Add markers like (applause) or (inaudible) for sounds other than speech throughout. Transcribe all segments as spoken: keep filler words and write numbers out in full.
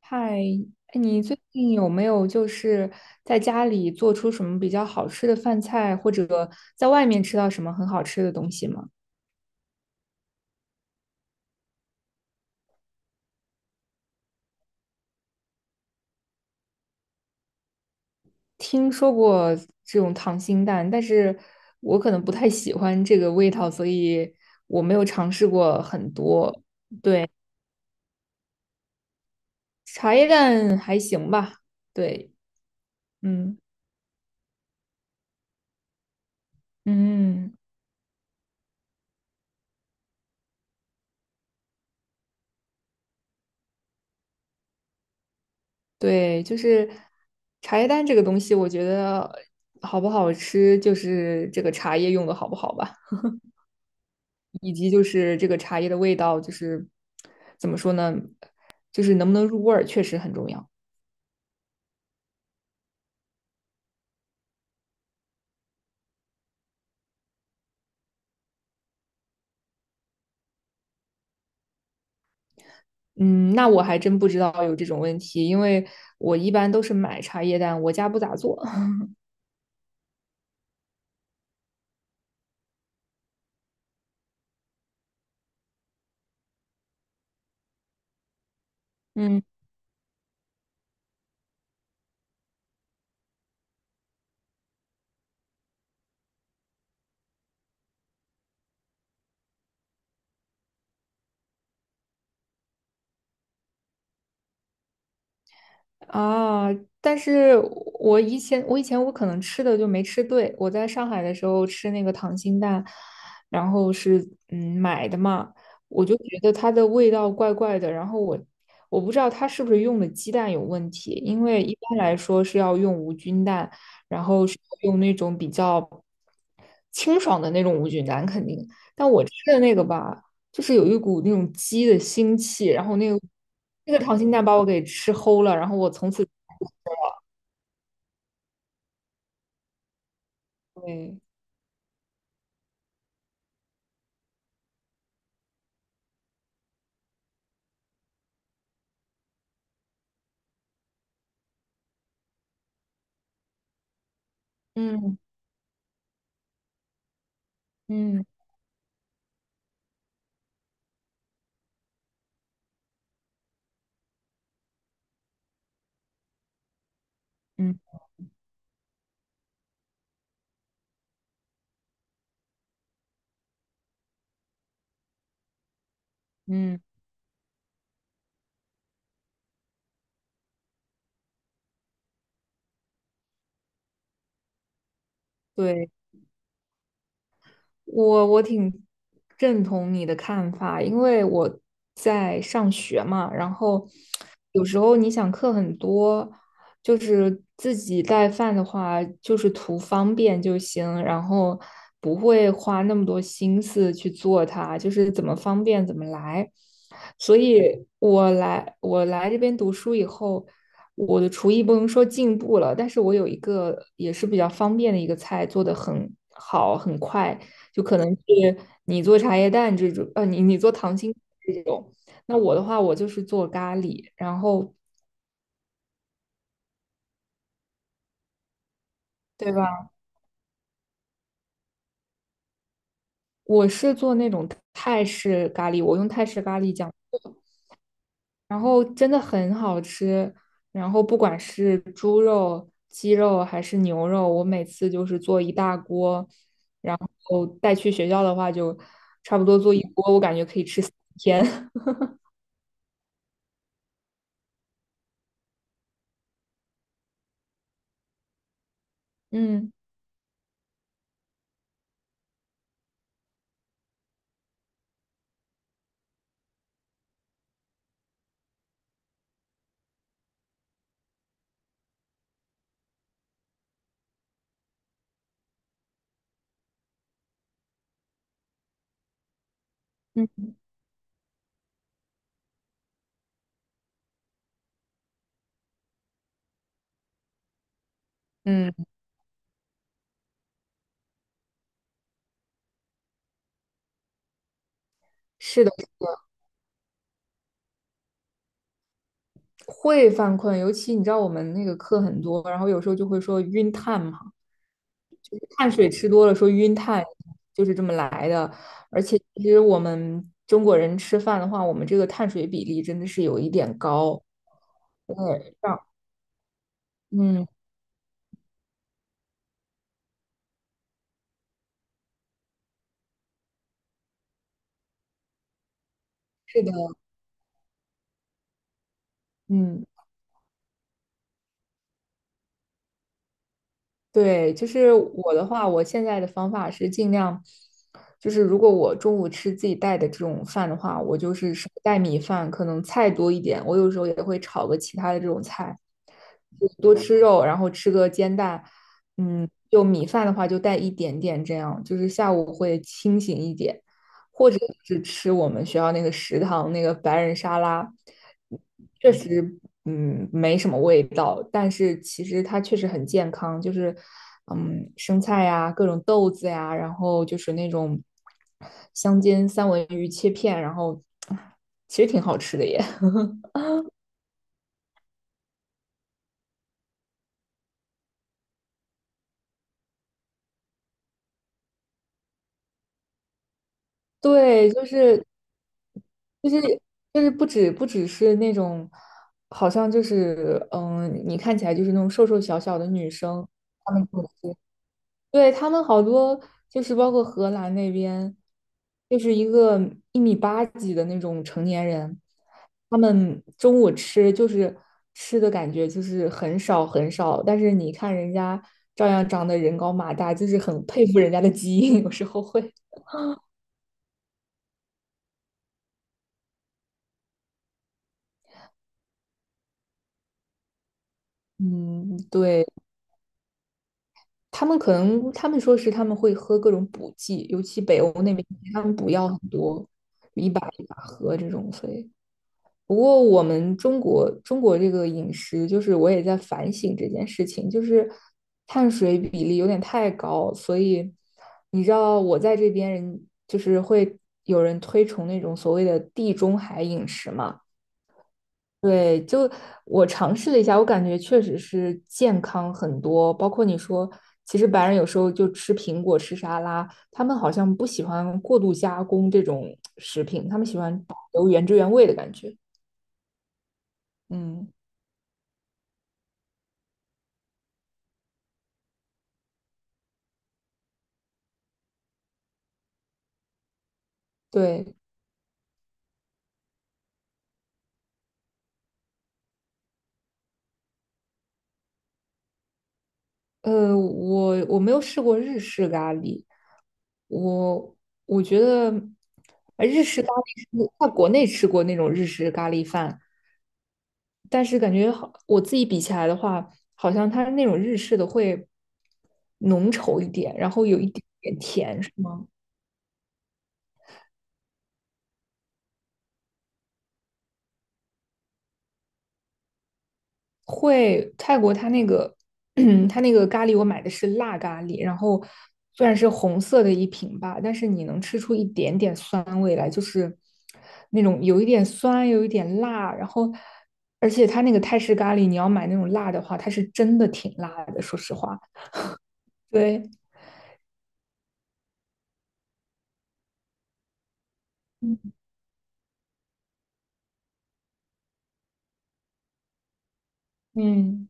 嗨，哎你最近有没有就是在家里做出什么比较好吃的饭菜，或者在外面吃到什么很好吃的东西吗？听说过这种糖心蛋，但是我可能不太喜欢这个味道，所以我没有尝试过很多。茶叶蛋还行吧，对，嗯嗯，对，就是茶叶蛋这个东西，我觉得好不好吃，就是这个茶叶用的好不好吧。以及就是这个茶叶的味道，就是怎么说呢，就是能不能入味儿，确实很重要。嗯，那我还真不知道有这种问题，因为我一般都是买茶叶蛋，我家不咋做。(laughs) 嗯。啊，但是我以前我以前我可能吃的就没吃对，我在上海的时候吃那个溏心蛋，然后是嗯买的嘛，我就觉得它的味道怪怪的，然后我我不知道它是不是用的鸡蛋有问题，因为一般来说是要用无菌蛋，然后是用那种比较清爽的那种无菌蛋肯定，但我吃的那个吧，就是有一股那种鸡的腥气，然后那个那个溏心蛋把我给吃齁了，然后我从此对，嗯嗯嗯嗯，对。我我挺认同你的看法，因为我在上学嘛，然后有时候你想课很多，就是自己带饭的话，就是图方便就行，然后不会花那么多心思去做它，就是怎么方便怎么来。所以我来我来这边读书以后，我的厨艺不能说进步了，但是我有一个也是比较方便的一个菜，做的很好，很快。就可能是你做茶叶蛋这种，呃，你你做糖心这种。那我的话，我就是做咖喱，然后对吧？我是做那种泰式咖喱，我用泰式咖喱酱，然后真的很好吃。然后不管是猪肉、鸡肉还是牛肉，我每次就是做一大锅，然后带去学校的话，就差不多做一锅，我感觉可以吃。嗯嗯嗯，是的，会犯困，尤其你知道我们那个课很多，然后有时候就会说晕碳嘛，就是碳水吃多了说晕碳，就是这么来的。而且其实我们中国人吃饭的话，我们这个碳水比例真的是有一点高。对，让嗯，是的，嗯，对，就是我的话，我现在的方法是尽量，就是如果我中午吃自己带的这种饭的话，我就是少带米饭，可能菜多一点。我有时候也会炒个其他的这种菜，就多吃肉，然后吃个煎蛋。嗯，就米饭的话就带一点点，这样就是下午会清醒一点。或者是吃我们学校那个食堂那个白人沙拉，确实，嗯，没什么味道，但是其实它确实很健康，就是，嗯，生菜呀，各种豆子呀，然后就是那种香煎三文鱼切片，然后其实挺好吃的耶。(laughs) 对，就是就是就是不止不只是那种，好像就是嗯，你看起来就是那种瘦瘦小小的女生，她们就是对，他们好多就是包括荷兰那边，就是一个一米八几的那种成年人，他们中午吃就是吃的感觉就是很少很少，但是你看人家照样长得人高马大，就是很佩服人家的基因，(laughs) 有时候会。嗯，对，他们可能他们说是他们会喝各种补剂，尤其北欧那边，他们补药很多，一把一把喝这种，所以。不过我们中国中国这个饮食，就是我也在反省这件事情，就是碳水比例有点太高，所以你知道我在这边人就是会有人推崇那种所谓的地中海饮食嘛。对，就我尝试了一下，我感觉确实是健康很多。包括你说，其实白人有时候就吃苹果、吃沙拉，他们好像不喜欢过度加工这种食品，他们喜欢保留原汁原味的感觉。嗯。对，呃，我我没有试过日式咖喱，我我觉得呃日式咖喱是在国内吃过那种日式咖喱饭，但是感觉好，我自己比起来的话，好像它那种日式的会浓稠一点，然后有一点会泰国它那个 (clears throat) 它那个咖喱，我买的是辣咖喱，然后虽然是红色的一瓶吧，但是你能吃出一点点酸味来，就是那种有一点酸，有一点辣，然后而且它那个泰式咖喱，你要买那种辣的话，它是真的挺辣的，说实话。对，嗯，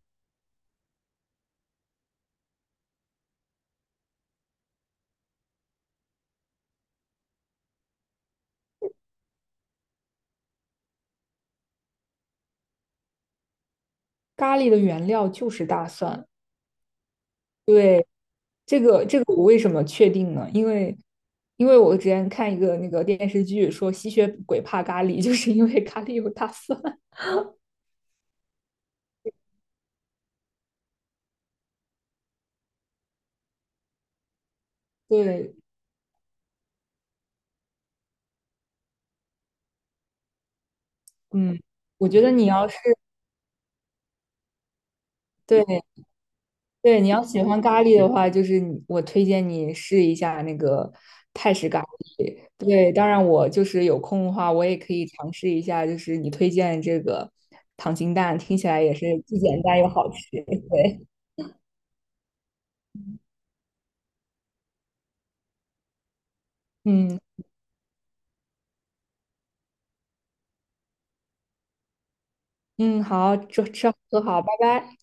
咖喱的原料就是大蒜，这个这个我为什么确定呢？因为因为我之前看一个那个电视剧说吸血鬼怕咖喱，(laughs) 就是因为咖喱有大蒜。(laughs) 对，嗯，我觉得你要是对对你要喜欢咖喱的话，就是你我推荐你试一下那个泰式咖喱。对，当然我就是有空的话，我也可以尝试一下，就是你推荐这个糖心蛋，听起来也是既简单又好吃。(laughs) 对，嗯嗯，好，吃吃喝好，拜拜。